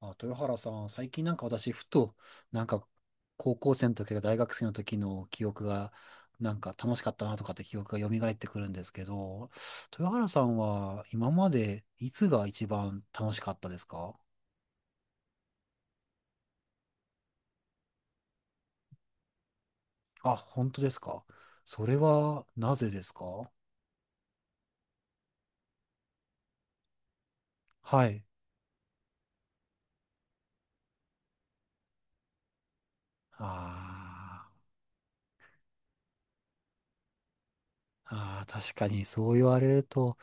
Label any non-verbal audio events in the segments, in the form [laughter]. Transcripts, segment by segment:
あ、豊原さん、最近なんか私、ふと、なんか、高校生の時か大学生の時の記憶が、なんか楽しかったなとかって記憶が蘇ってくるんですけど、豊原さんは今までいつが一番楽しかったですか？あ、本当ですか？それはなぜですか？はい。あーあー、確かにそう言われると、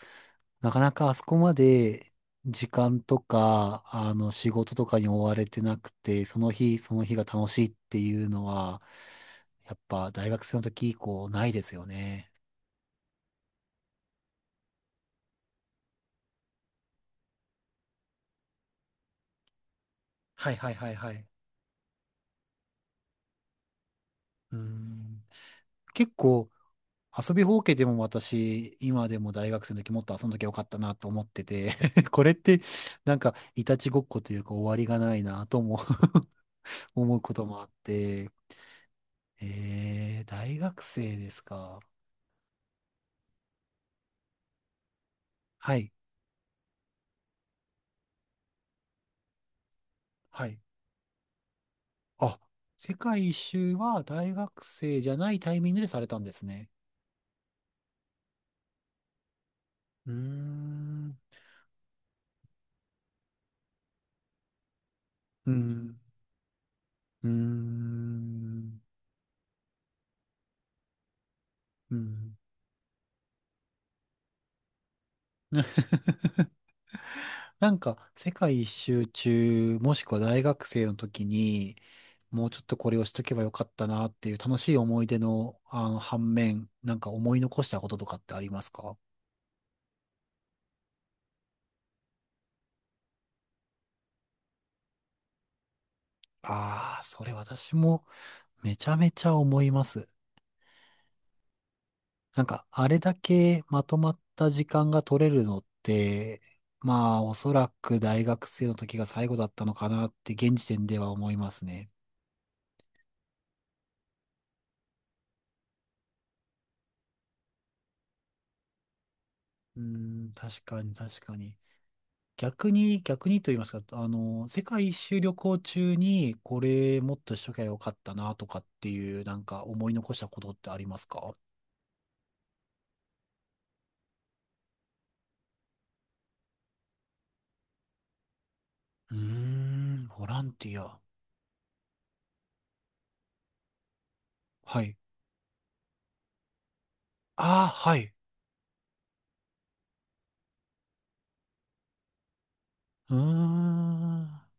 なかなかあそこまで時間とか、あの、仕事とかに追われてなくて、その日、その日が楽しいっていうのは、やっぱ大学生の時以降ないですよね。はいはいはいはい。うーん。結構遊びほうけでも私、今でも大学生の時もっと遊んどきゃよかったなと思ってて、 [laughs] これってなんかいたちごっこというか終わりがないなとも [laughs] 思うこともあって、大学生ですか？はい。はい。あ、世界一周は大学生じゃないタイミングでされたんですね。うーん、うん、うーん、うん。[laughs] なんか、世界一周中、もしくは大学生の時に、もうちょっとこれをしとけばよかったなっていう楽しい思い出の、あの、反面、なんか思い残したこととかってありますか？ああー、それ私もめちゃめちゃ思います。なんか、あれだけまとまった時間が取れるのって、まあ、おそらく大学生の時が最後だったのかなって、現時点では思いますね。確かに、確かに。逆に、逆にと言いますか、あの、世界一周旅行中に、これもっとしときゃよかったな、とかっていう、なんか思い残したことってありますか？うーん、ボランティア。はい。ああ、はい。うーん。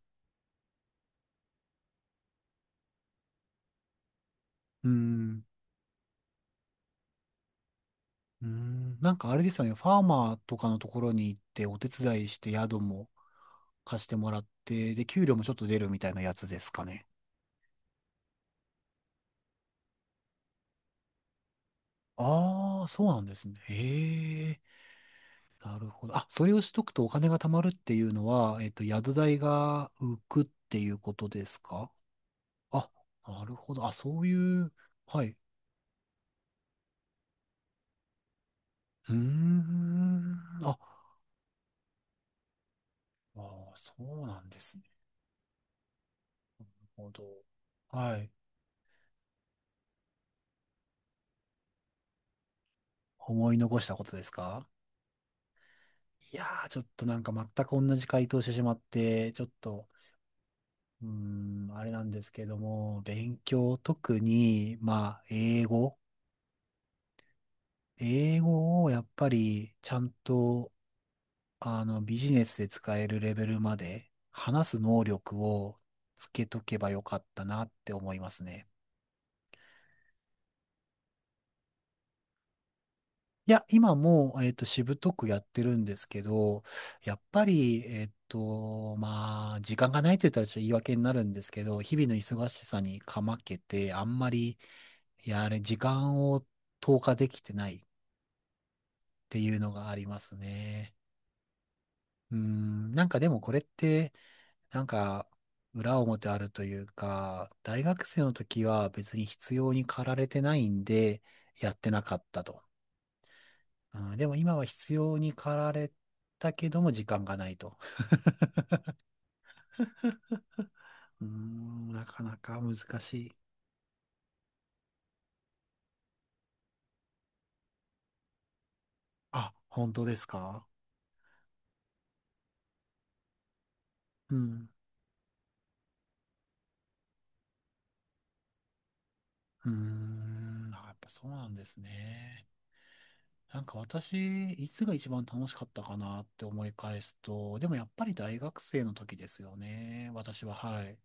うーん。なんかあれですよね、ファーマーとかのところに行ってお手伝いして宿も貸してもらって、で、給料もちょっと出るみたいなやつですかね。ああ、そうなんですね。へえ、なるほど。あ、それをしとくとお金が貯まるっていうのは、宿代が浮くっていうことですか？あ、なるほど。あ、そういう、はい。うーん、あ、あー、そうなんですね。なるほど。はい。思い残したことですか？いやー、ちょっとなんか全く同じ回答してしまって、ちょっと、あれなんですけども、勉強、特に、まあ、英語。英語をやっぱり、ちゃんと、あの、ビジネスで使えるレベルまで、話す能力をつけとけばよかったなって思いますね。いや、今もう、しぶとくやってるんですけど、やっぱり、まあ、時間がないって言ったらちょっと言い訳になるんですけど、日々の忙しさにかまけて、あんまり、やれ、時間を投下できてないっていうのがありますね。なんかでもこれって、なんか、裏表あるというか、大学生の時は別に必要に駆られてないんで、やってなかったと。うん、でも今は必要に駆られたけども時間がないと。なかなか難しい。あ、本当ですか？うん。あやっぱそうなんですね。なんか私、いつが一番楽しかったかなって思い返すと、でもやっぱり大学生の時ですよね。私は、はい。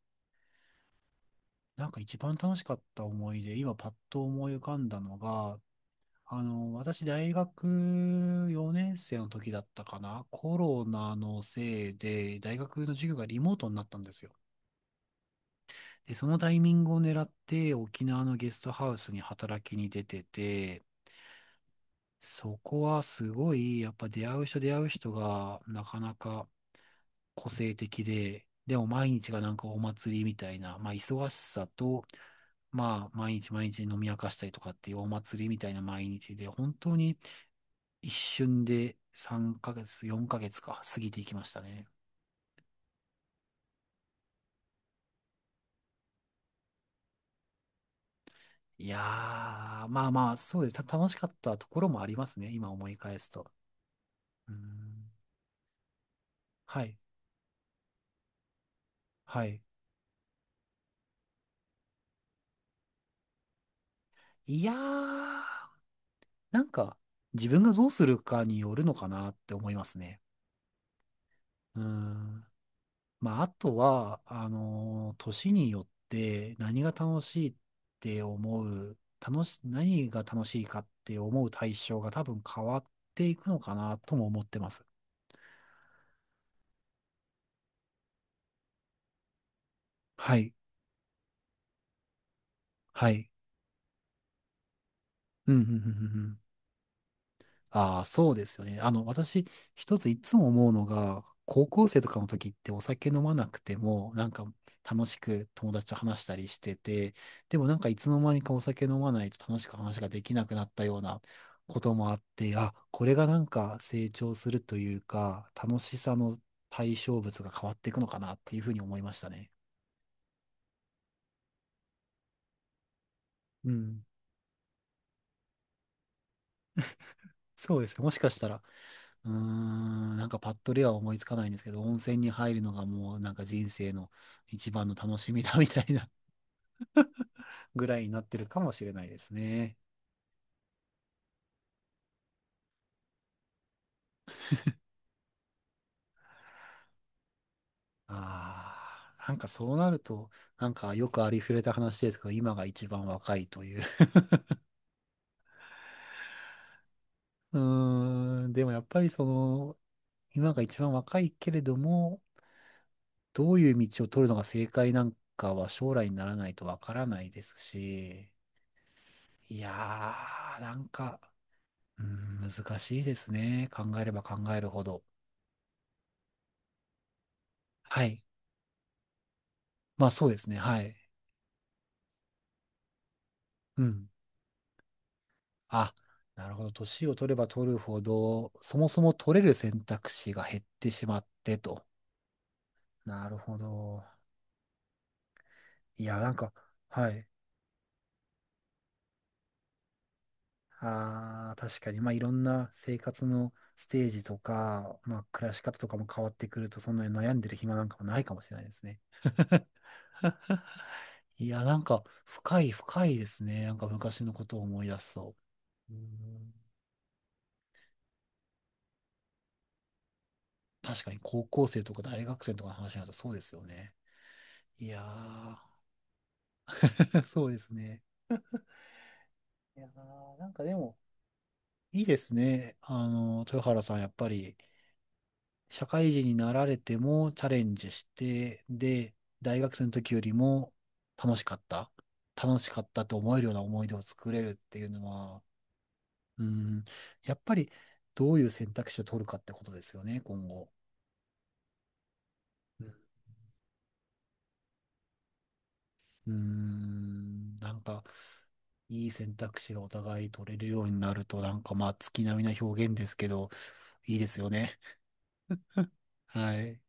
なんか一番楽しかった思い出、今パッと思い浮かんだのが、あの、私、大学4年生の時だったかな、コロナのせいで、大学の授業がリモートになったんですよ。で、そのタイミングを狙って、沖縄のゲストハウスに働きに出てて、そこはすごい、やっぱ出会う人出会う人が、なかなか個性的で、でも毎日がなんかお祭りみたいな、まあ、忙しさと、まあ、毎日毎日飲み明かしたりとかっていうお祭りみたいな毎日で、本当に、一瞬で3ヶ月、4ヶ月か、過ぎていきましたね。いやー、まあまあ、そうです。楽しかったところもありますね。今思い返すと。うーん。はい。はい。いやー、なんか、自分がどうするかによるのかなって思いますね。うーん。まあ、あとは、年によって何が楽しいって思う、何が楽しいかって思う対象が多分変わっていくのかなとも思ってます。はい。はい。うん、うん、うん、うんうん。ああ、そうですよね。あの、私、一ついつも思うのが、高校生とかの時ってお酒飲まなくても、なんか楽しく友達と話したりしてて、でもなんかいつの間にかお酒飲まないと楽しく話ができなくなったようなこともあって、あ、これがなんか成長するというか、楽しさの対象物が変わっていくのかなっていうふうに思いましたね。うん。そうですね。もしかしたら、なんかパッとでは思いつかないんですけど、温泉に入るのがもうなんか人生の一番の楽しみだみたいな [laughs] ぐらいになってるかもしれないですね。ああ、なんかそうなると、なんかよくありふれた話ですけど、今が一番若いという。[laughs] でもやっぱりその、今が一番若いけれども、どういう道を取るのが正解なんかは将来にならないとわからないですし、いやー、なんか、うん、難しいですね。考えれば考えるほど。はい。まあそうですね。はい。うん。あ、なるほど。年を取れば取るほど、そもそも取れる選択肢が減ってしまってと。なるほど。いや、なんか、はい。ああ、確かに。まあいろんな生活のステージとか、まあ暮らし方とかも変わってくると、そんなに悩んでる暇なんかもないかもしれないですね。[laughs] いや、なんか深い深いですね。なんか昔のことを思い出すと。うん。確かに高校生とか大学生とかの話になるとそうですよね。いやー、[laughs] そうですね。いやー、なんかでも、いいですね。あの、豊原さん、やっぱり、社会人になられてもチャレンジして、で、大学生の時よりも楽しかった。楽しかったと思えるような思い出を作れるっていうのは、うん、やっぱり、どういう選択肢を取るかってことですよね、今後。うん。なんか、いい選択肢がお互い取れるようになると、なんかまあ、月並みな表現ですけど、いいですよね。はい。